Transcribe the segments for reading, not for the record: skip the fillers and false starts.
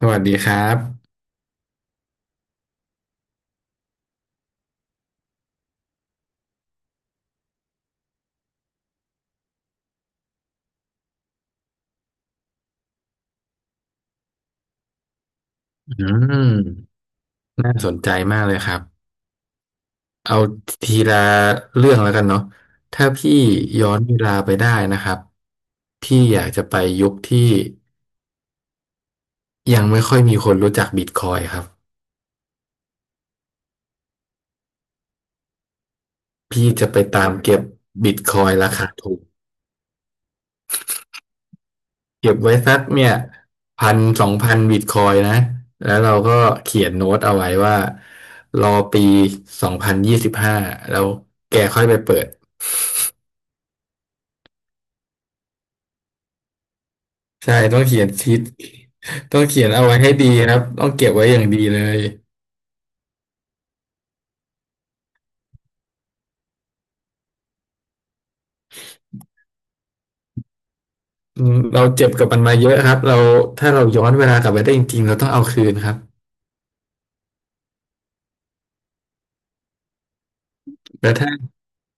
สวัสดีครับอืมน่าสนใจมากเลยครับเอาทีละเรื่องแล้วกันเนาะถ้าพี่ย้อนเวลาไปได้นะครับพี่อยากจะไปยุคที่ยังไม่ค่อยมีคนรู้จักบิตคอยน์ครับพี่จะไปตามเก็บบิตคอยน์ราคาถูกเก็บไว้สักเนี่ยพันสองพันบิตคอยนะแล้วเราก็เขียนโน้ตเอาไว้ว่ารอปี2025แล้วแกค่อยไปเปิด ใช่ต้องเขียนทิศต้องเขียนเอาไว้ให้ดีครับต้องเก็บไว้อย่างดีเลยอืมเราเจ็บกับมันมาเยอะครับเราถ้าเราย้อนเวลากลับไปได้จริงๆเราต้องเอาคืนครับแล้วถ้า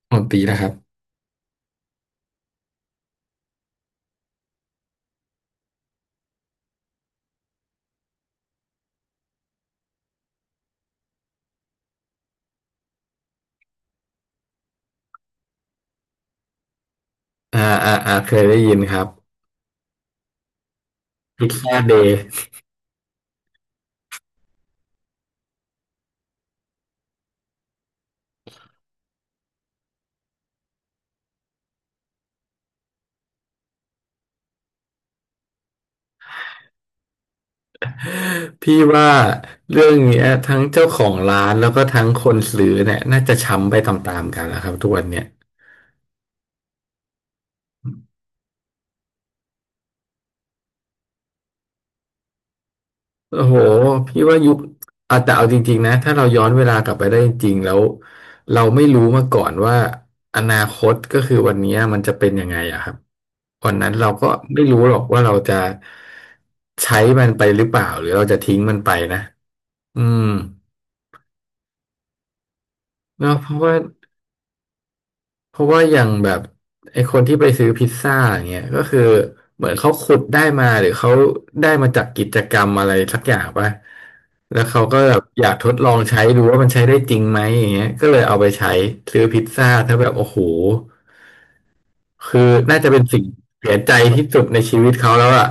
ของตีนะครับอ่าอ่าเคยได้ยินครับพิซซ่าเดย์ พี่ว่าเรื่องเนี้ยทั้งเจ้าของร้านแล้วก็ทั้งคนซื้อเนี่ยน่าจะช้ำไปตามๆกันแล้วครับทุกวันเนี่ย โอ้โหพี่ว่ายุคอ่ะแต่เอาจริงๆนะถ้าเราย้อนเวลากลับไปได้จริงๆแล้วเราไม่รู้มาก่อนว่าอนาคตก็คือวันนี้มันจะเป็นยังไงอะครับวันนั้นเราก็ไม่รู้หรอกว่าเราจะใช้มันไปหรือเปล่าหรือเราจะทิ้งมันไปนะอืมเนาะเพราะว่า อย่างแบบไอ้คนที่ไปซื้อพิซซ่าอย่างเงี้ยก็คือเหมือนเขาขุดได้มาหรือเขาได้มาจากกิจกรรมอะไรสักอย่างปะแล้วเขาก็แบบอยากทดลองใช้ดูว่ามันใช้ได้จริงไหมอย่างเงี้ยก็เลยเอาไปใช้ซื้อพิซซ่าถ้าแบบโอ้โหคือน่าจะเป็นสิ่งเสียใจที่สุดในชีวิตเขาแล้วอ่ะ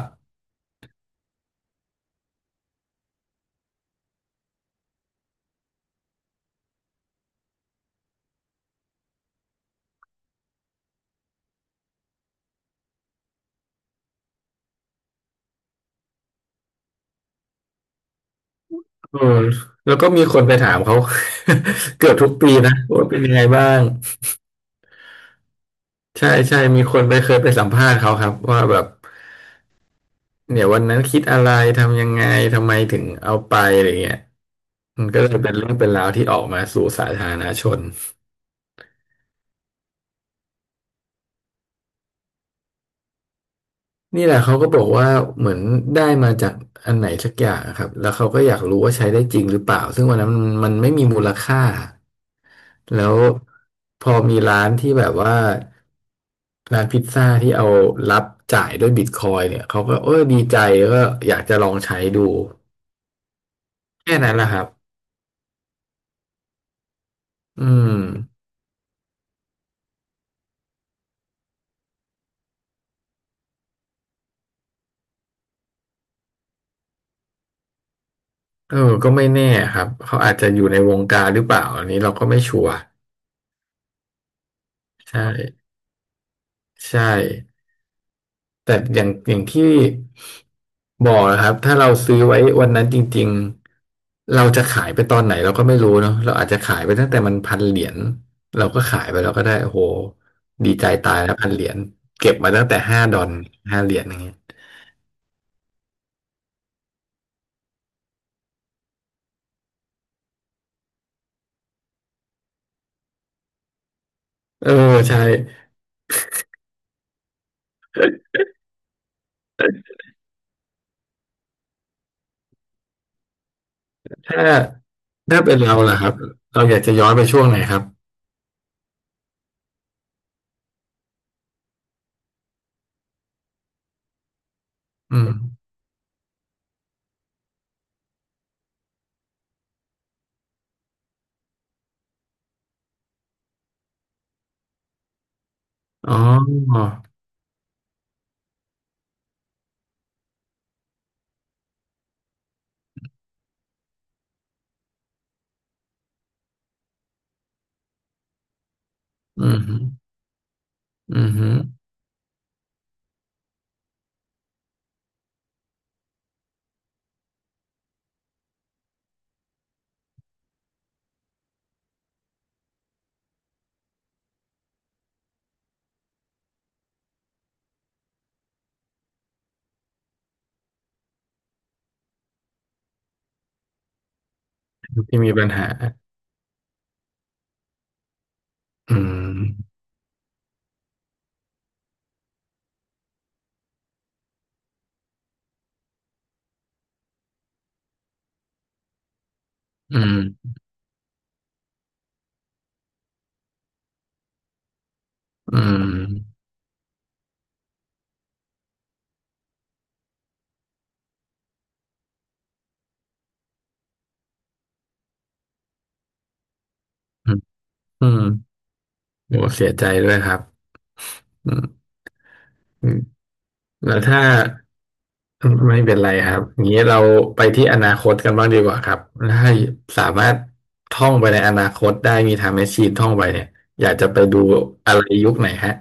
อืมแล้วก็มีคนไปถามเขา เกือบทุกปีนะว่าเป็นยังไงบ้างใช่ใช่มีคนไปเคยไปสัมภาษณ์เขาครับว่าแบบ เนี่ยวันนั้นคิดอะไรทำยังไงทำไมถึงเอาไปอะไรเงี้ยมันก็เลยเป็นเรื่องเป็นราวที่ออกมาสู่สาธารณชนนี่แหละเขาก็บอกว่าเหมือนได้มาจากอันไหนสักอย่างอะครับแล้วเขาก็อยากรู้ว่าใช้ได้จริงหรือเปล่าซึ่งวันนั้นมันไม่มีมูลค่าแล้วพอมีร้านที่แบบว่าร้านพิซซ่าที่เอารับจ่ายด้วยบิตคอยน์เนี่ยเขาก็เออดีใจแล้วก็อยากจะลองใช้ดูแค่นั้นแหละครับอืม เออก็ไม่แน่ครับ เขาอาจจะอยู่ในวงการหรือเปล่าอันนี้เราก็ไม่ชัวร์ใช่ใช่แต่อย่างอย่างที่บอกนะครับ ถ้าเราซื้อไว้วันนั้นจริงๆ เราจะขายไปตอนไหนเราก็ไม่รู้เนาะเราอาจจะขายไปตั้งแต่มันพันเหรียญ เราก็ขายไปเราก็ได้โอ้โหดีใจตายแล้วพันเหรียญเก็บมาตั้งแต่ห้าดอน5 เหรียญอย่างเงี้ยเออใช่ถ้าถ้าเป็นเราล่ะครับเราอยากจะย้อนไปช่วงไหนครับอืมอ๋ออืม อือฮึที่มีปัญหาอืมอืมอืมอืมอืมโหเสียใจด้วยครับอืมอืมแล้วถ้าไม่เป็นไรครับอย่างนี้เราไปที่อนาคตกันบ้างดีกว่าครับถ้าสามารถท่องไปในอนาคตได้มีไทม์แมชชีนท่องไปเนี่ยอยากจะไปดูอะไรยุคไหนฮะ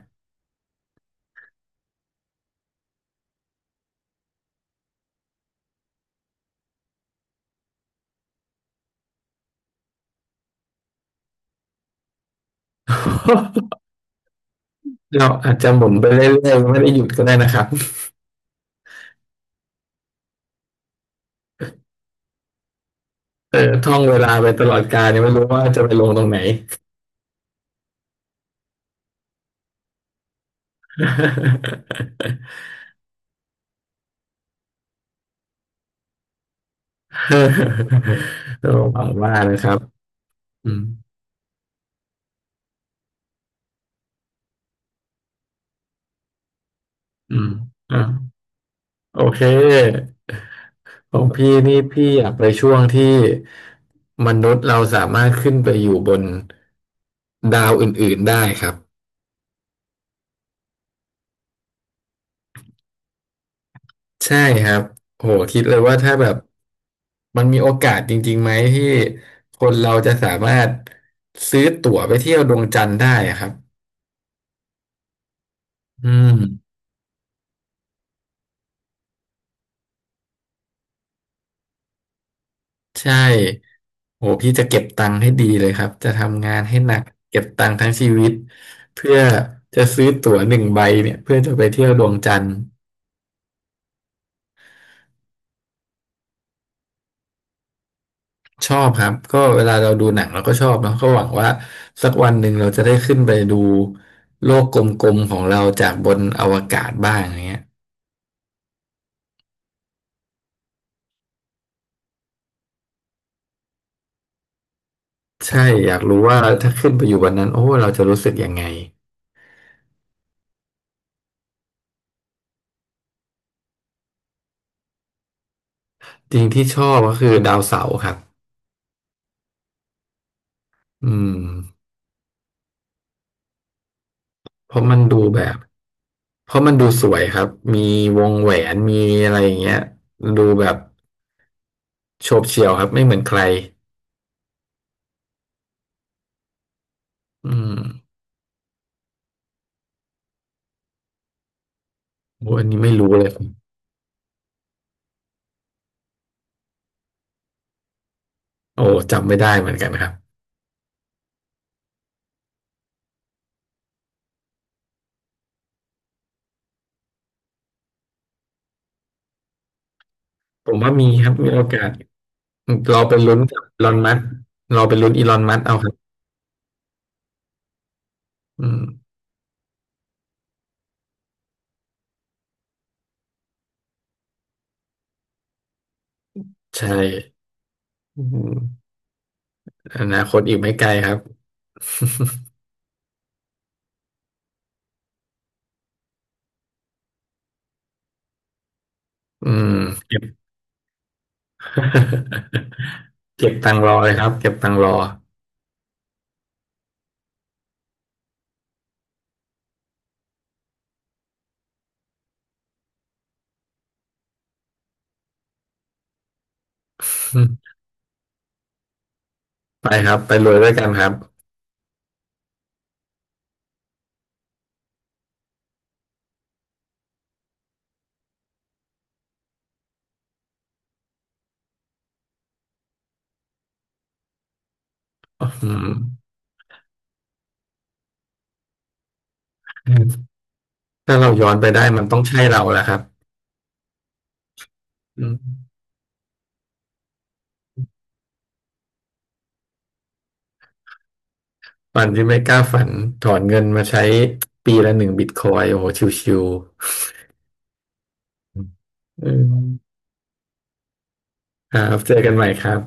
เราอาจจะหมุนไปเรื่อยๆไม่ได้หยุดก็ได้นะครับเออท่องเวลาไปตลอดกาลยังไม่รู้ว่าจะไปลงตรงไหน ต้องหวังว่านะครับอืมอืมอ่ะโอเคของพี่นี่พี่อยากไปช่วงที่มนุษย์เราสามารถขึ้นไปอยู่บนดาวอื่นๆได้ครับ ใช่ครับโหคิดเลยว่าถ้าแบบมันมีโอกาสจริงๆไหมที่คนเราจะสามารถซื้อตั๋วไปเที่ยวดวงจันทร์ได้อะครับอืม ใช่โหพี่จะเก็บตังค์ให้ดีเลยครับ จะทำงานให้หนักเก็บตังค์ทั้งชีวิตเพื่อจะซื้อตั๋วหนึ่งใบเนี่ยเพื่อจะไปเที่ยวดวงจันทร์ชอบครับก็เวลาเราดูหนังเราก็ชอบเนาะก็หวังว่าสักวันหนึ่งเราจะได้ขึ้นไปดูโลกกลมๆของเราจากบนอวกาศบ้างอย่างเงี้ยใช่ อยากรู้ว่าถ้าขึ้นไปอยู่บนนั้นโอ้เราจะรู้สึกยังไงจริงที่ชอบก็คือดาวเสาร์ครับอืมเพราะมันดูแบบ เพราะมันดูสวยครับ มีวงแหวนมีอะไรอย่างเงี้ยดูแบบโฉบเฉี่ยวครับ ไม่เหมือนใครอืมโอ้อันนี้ไม่รู้เลยโอ้จำไม่ได้เหมือนกันครับผมว่ามีครับ มีโอกาสเราไปลุ้นกับอีลอนมัสก์เราไปลุ้นอีลอนมัสก์เอาครับอืมใช่อืมอนาคตอีกไม่ไกลครับอืมเก็บ เก็บตังค์รอเลยครับเก็บตังค์รอ ไปครับไปรวยด้วยกันครับอืม ถ้าเราย้อนไปได้มันต้องใช่เราแหละครับอืมฝันที่ไม่กล้าฝันถอนเงินมาใช้ปีละ1 บิตคอยน์โอ้โหชิวๆครับเจอกันใหม่ครับ